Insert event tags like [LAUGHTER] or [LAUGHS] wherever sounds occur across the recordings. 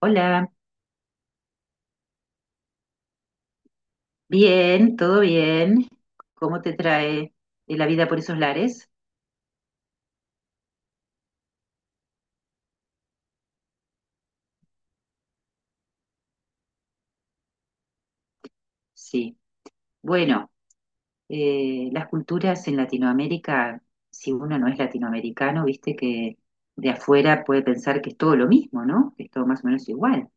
Hola, bien, todo bien. ¿Cómo te trae la vida por esos lares? Sí. Bueno, las culturas en Latinoamérica, si uno no es latinoamericano, viste que de afuera puede pensar que es todo lo mismo, ¿no? Que es todo más o menos igual.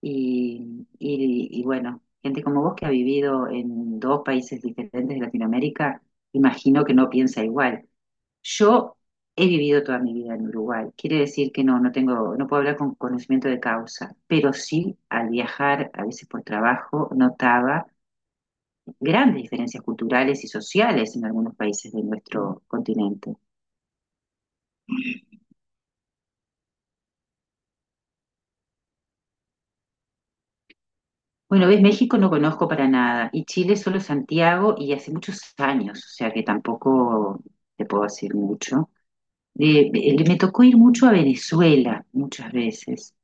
Y bueno, gente como vos que ha vivido en dos países diferentes de Latinoamérica, imagino que no piensa igual. Yo he vivido toda mi vida en Uruguay. Quiere decir que no tengo, no puedo hablar con conocimiento de causa, pero sí al viajar, a veces por trabajo, notaba grandes diferencias culturales y sociales en algunos países de nuestro continente. Bueno, ves, México no conozco para nada y Chile solo Santiago y hace muchos años, o sea que tampoco te puedo decir mucho. Me tocó ir mucho a Venezuela muchas veces.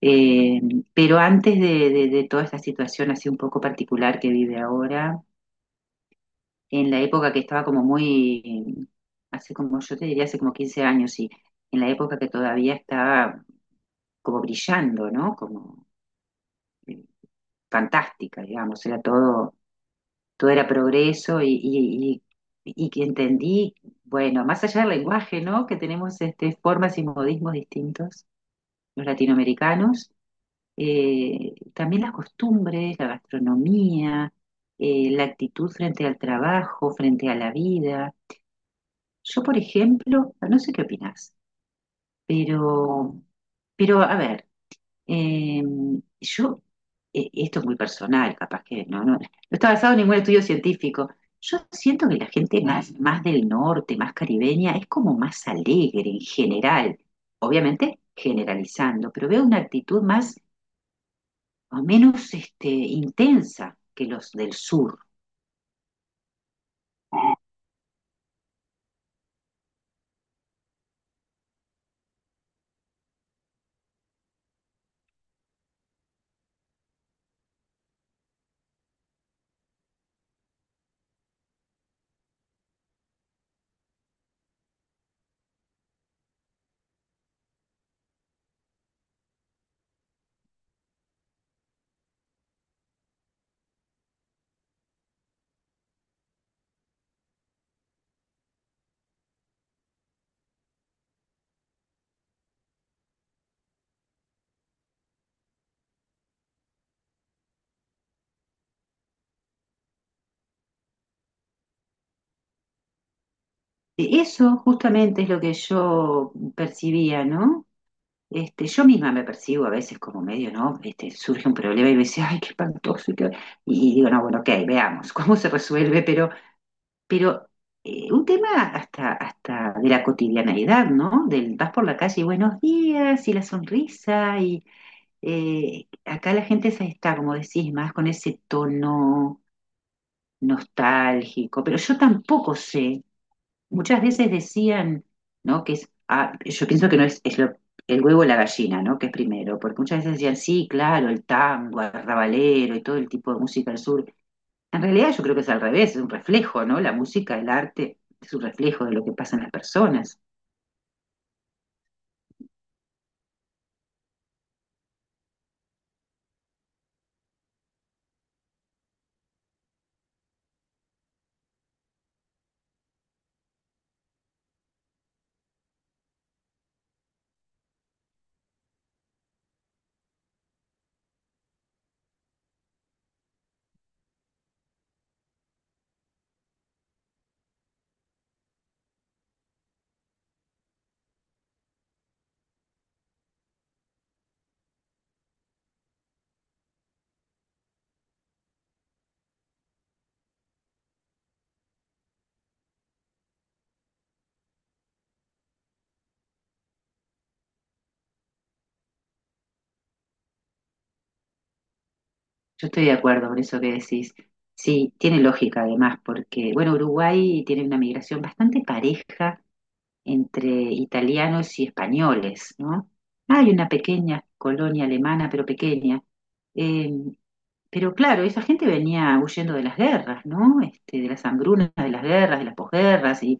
Eh, pero antes de toda esta situación así un poco particular que vive ahora, en la época que estaba como muy, hace como, yo te diría hace como 15 años, y en la época que todavía estaba como brillando, ¿no? Como eh, fantástica, digamos, era todo, todo era progreso y que entendí, bueno, más allá del lenguaje, ¿no? Que tenemos este, formas y modismos distintos, los latinoamericanos, también las costumbres, la gastronomía, la actitud frente al trabajo, frente a la vida. Yo, por ejemplo, no sé qué opinás, pero, pero a ver, eh, yo, esto es muy personal, capaz que no está basado en ningún estudio científico. Yo siento que la gente más, más del norte, más caribeña, es como más alegre en general, obviamente generalizando, pero veo una actitud más o menos este, intensa que los del sur. Eso justamente es lo que yo percibía, ¿no? Este, yo misma me percibo a veces como medio, ¿no? Este, surge un problema y me dice, ay, qué espantoso. ¿Y qué? Y digo, no, bueno, ok, veamos [LAUGHS] cómo se resuelve, pero un tema hasta, hasta de la cotidianeidad, ¿no? Del vas por la calle y buenos días y la sonrisa y acá la gente está, como decís, más con ese tono nostálgico, pero yo tampoco sé. Muchas veces decían, ¿no? Que es, ah, yo pienso que no es, es lo- el huevo o la gallina, ¿no? Que es primero, porque muchas veces decían, sí, claro, el tango, el rabalero y todo el tipo de música del sur. En realidad yo creo que es al revés, es un reflejo, ¿no? La música, el arte, es un reflejo de lo que pasa en las personas. Yo estoy de acuerdo con eso que decís. Sí, tiene lógica además, porque, bueno, Uruguay tiene una migración bastante pareja entre italianos y españoles, ¿no? Hay una pequeña colonia alemana, pero pequeña. Eh, pero claro, esa gente venía huyendo de las guerras, ¿no? Este, de las hambrunas, de las guerras, de las posguerras,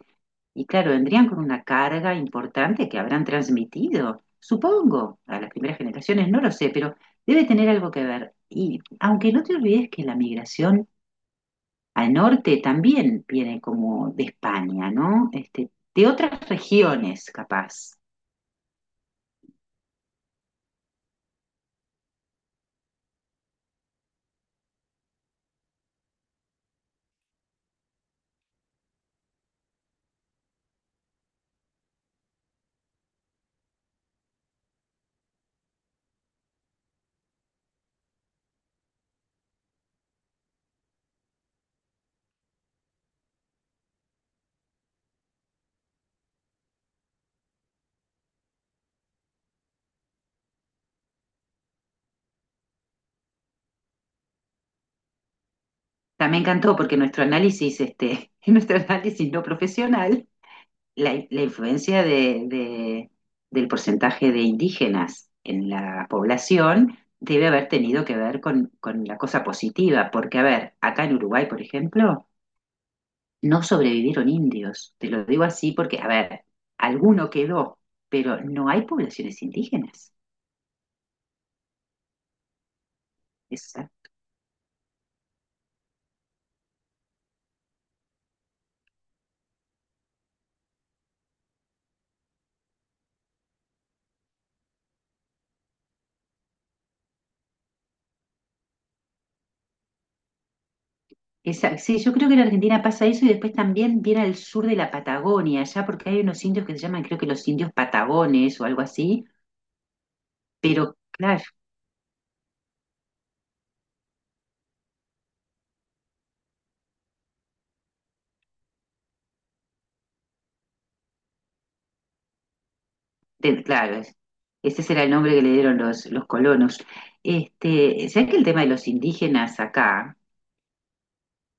y claro, vendrían con una carga importante que habrán transmitido, supongo, a las primeras generaciones, no lo sé, pero debe tener algo que ver. Y aunque no te olvides que la migración al norte también viene como de España, ¿no? Este, de otras regiones, capaz. También me encantó porque nuestro análisis, este, [LAUGHS] nuestro análisis no profesional, la influencia del porcentaje de indígenas en la población debe haber tenido que ver con la cosa positiva, porque, a ver, acá en Uruguay, por ejemplo, no sobrevivieron indios. Te lo digo así porque, a ver, alguno quedó, pero no hay poblaciones indígenas. Es sí, yo creo que en Argentina pasa eso y después también viene al sur de la Patagonia, allá porque hay unos indios que se llaman, creo que los indios patagones o algo así, pero claro, te- claro, es- ese será el nombre que le dieron los colonos. Este, ¿sabes que el tema de los indígenas acá?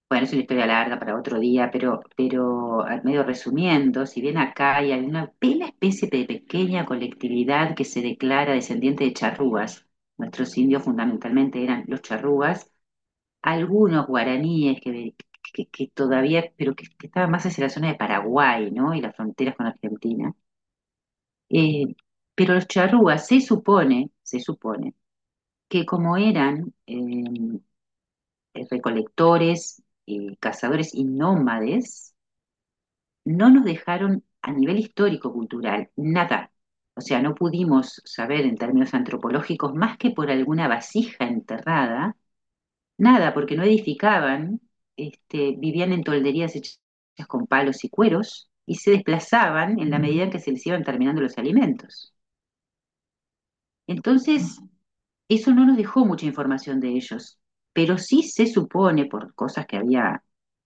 Bueno, es una historia larga para otro día, pero al medio resumiendo, si bien acá hay una pequeña especie de pequeña colectividad que se declara descendiente de charrúas, nuestros indios fundamentalmente eran los charrúas, algunos guaraníes que todavía, pero que estaban más hacia la zona de Paraguay, ¿no? Y las fronteras con Argentina. Eh, pero los charrúas se supone, que como eran recolectores, cazadores y nómades, no nos dejaron a nivel histórico-cultural nada. O sea, no pudimos saber en términos antropológicos más que por alguna vasija enterrada. Nada, porque no edificaban, este, vivían en tolderías hechas con palos y cueros y se desplazaban en la medida en que se les iban terminando los alimentos. Entonces, eso no nos dejó mucha información de ellos, pero sí se supone por cosas que había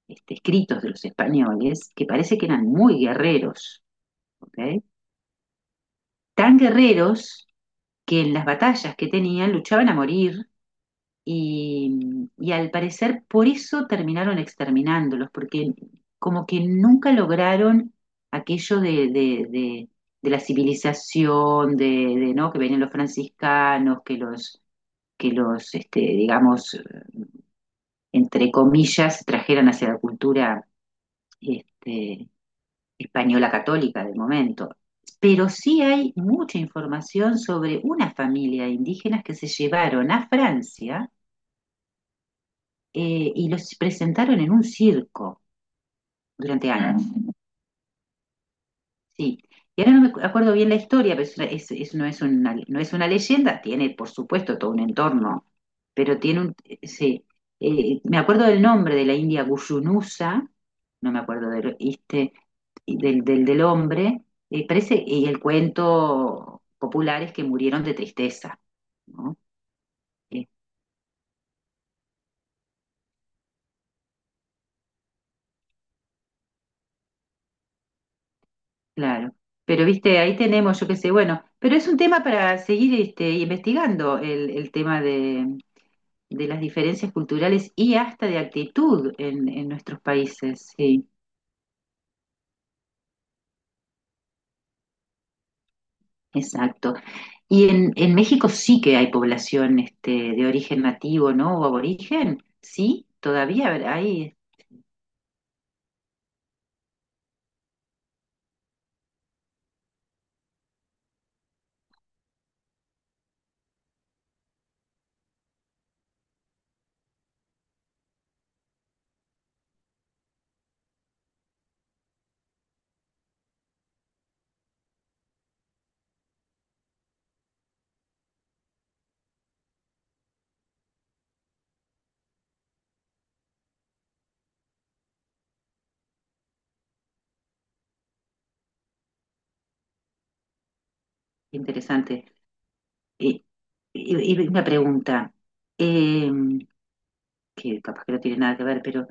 este, escritos de los españoles que parece que eran muy guerreros, ¿ok? Tan guerreros que en las batallas que tenían luchaban a morir. Y al parecer por eso terminaron exterminándolos, porque como que nunca lograron aquello de la civilización, de, ¿no? Que venían los franciscanos, que los este, digamos, entre comillas, trajeran hacia la cultura este, española católica del momento. Pero sí hay mucha información sobre una familia de indígenas que se llevaron a Francia, y los presentaron en un circo durante años. Sí. Y ahora no me acuerdo bien la historia, pero es, no, es una, no es una leyenda, tiene por supuesto todo un entorno, pero tiene un... Sí. Me acuerdo del nombre de la india Gushunusa, no me acuerdo del, este, y del, del, del hombre, parece, y el cuento popular es que murieron de tristeza, ¿no? Eh, Claro, pero viste, ahí tenemos, yo qué sé, bueno, pero es un tema para seguir este, investigando el tema de las diferencias culturales y hasta de actitud en nuestros países, sí, exacto. Y en México sí que hay población este, de origen nativo, ¿no? O aborigen, sí, todavía a ver, hay, interesante. Y, y una pregunta, eh, que capaz que no tiene nada que ver, pero...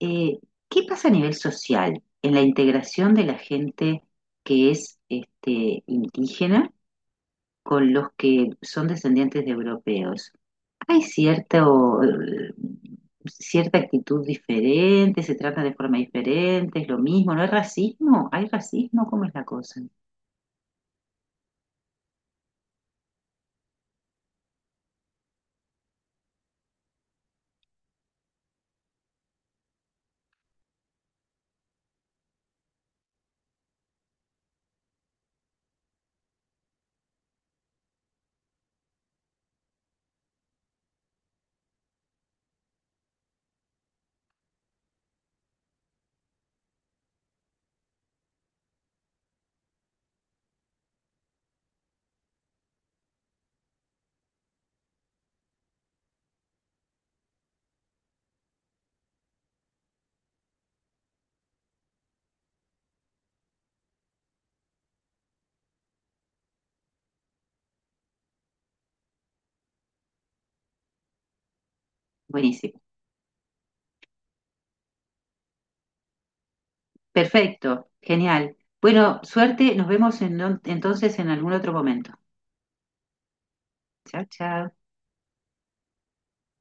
Eh, ¿Qué pasa a nivel social en la integración de la gente que es este, indígena con los que son descendientes de europeos? ¿Hay cierta cierta actitud diferente? ¿Se trata de forma diferente? ¿Es lo mismo? ¿No hay racismo? ¿Hay racismo? ¿Cómo es la cosa? Buenísimo. Perfecto. Genial. Bueno, suerte. Nos vemos en- entonces en algún otro momento. Chao, chao.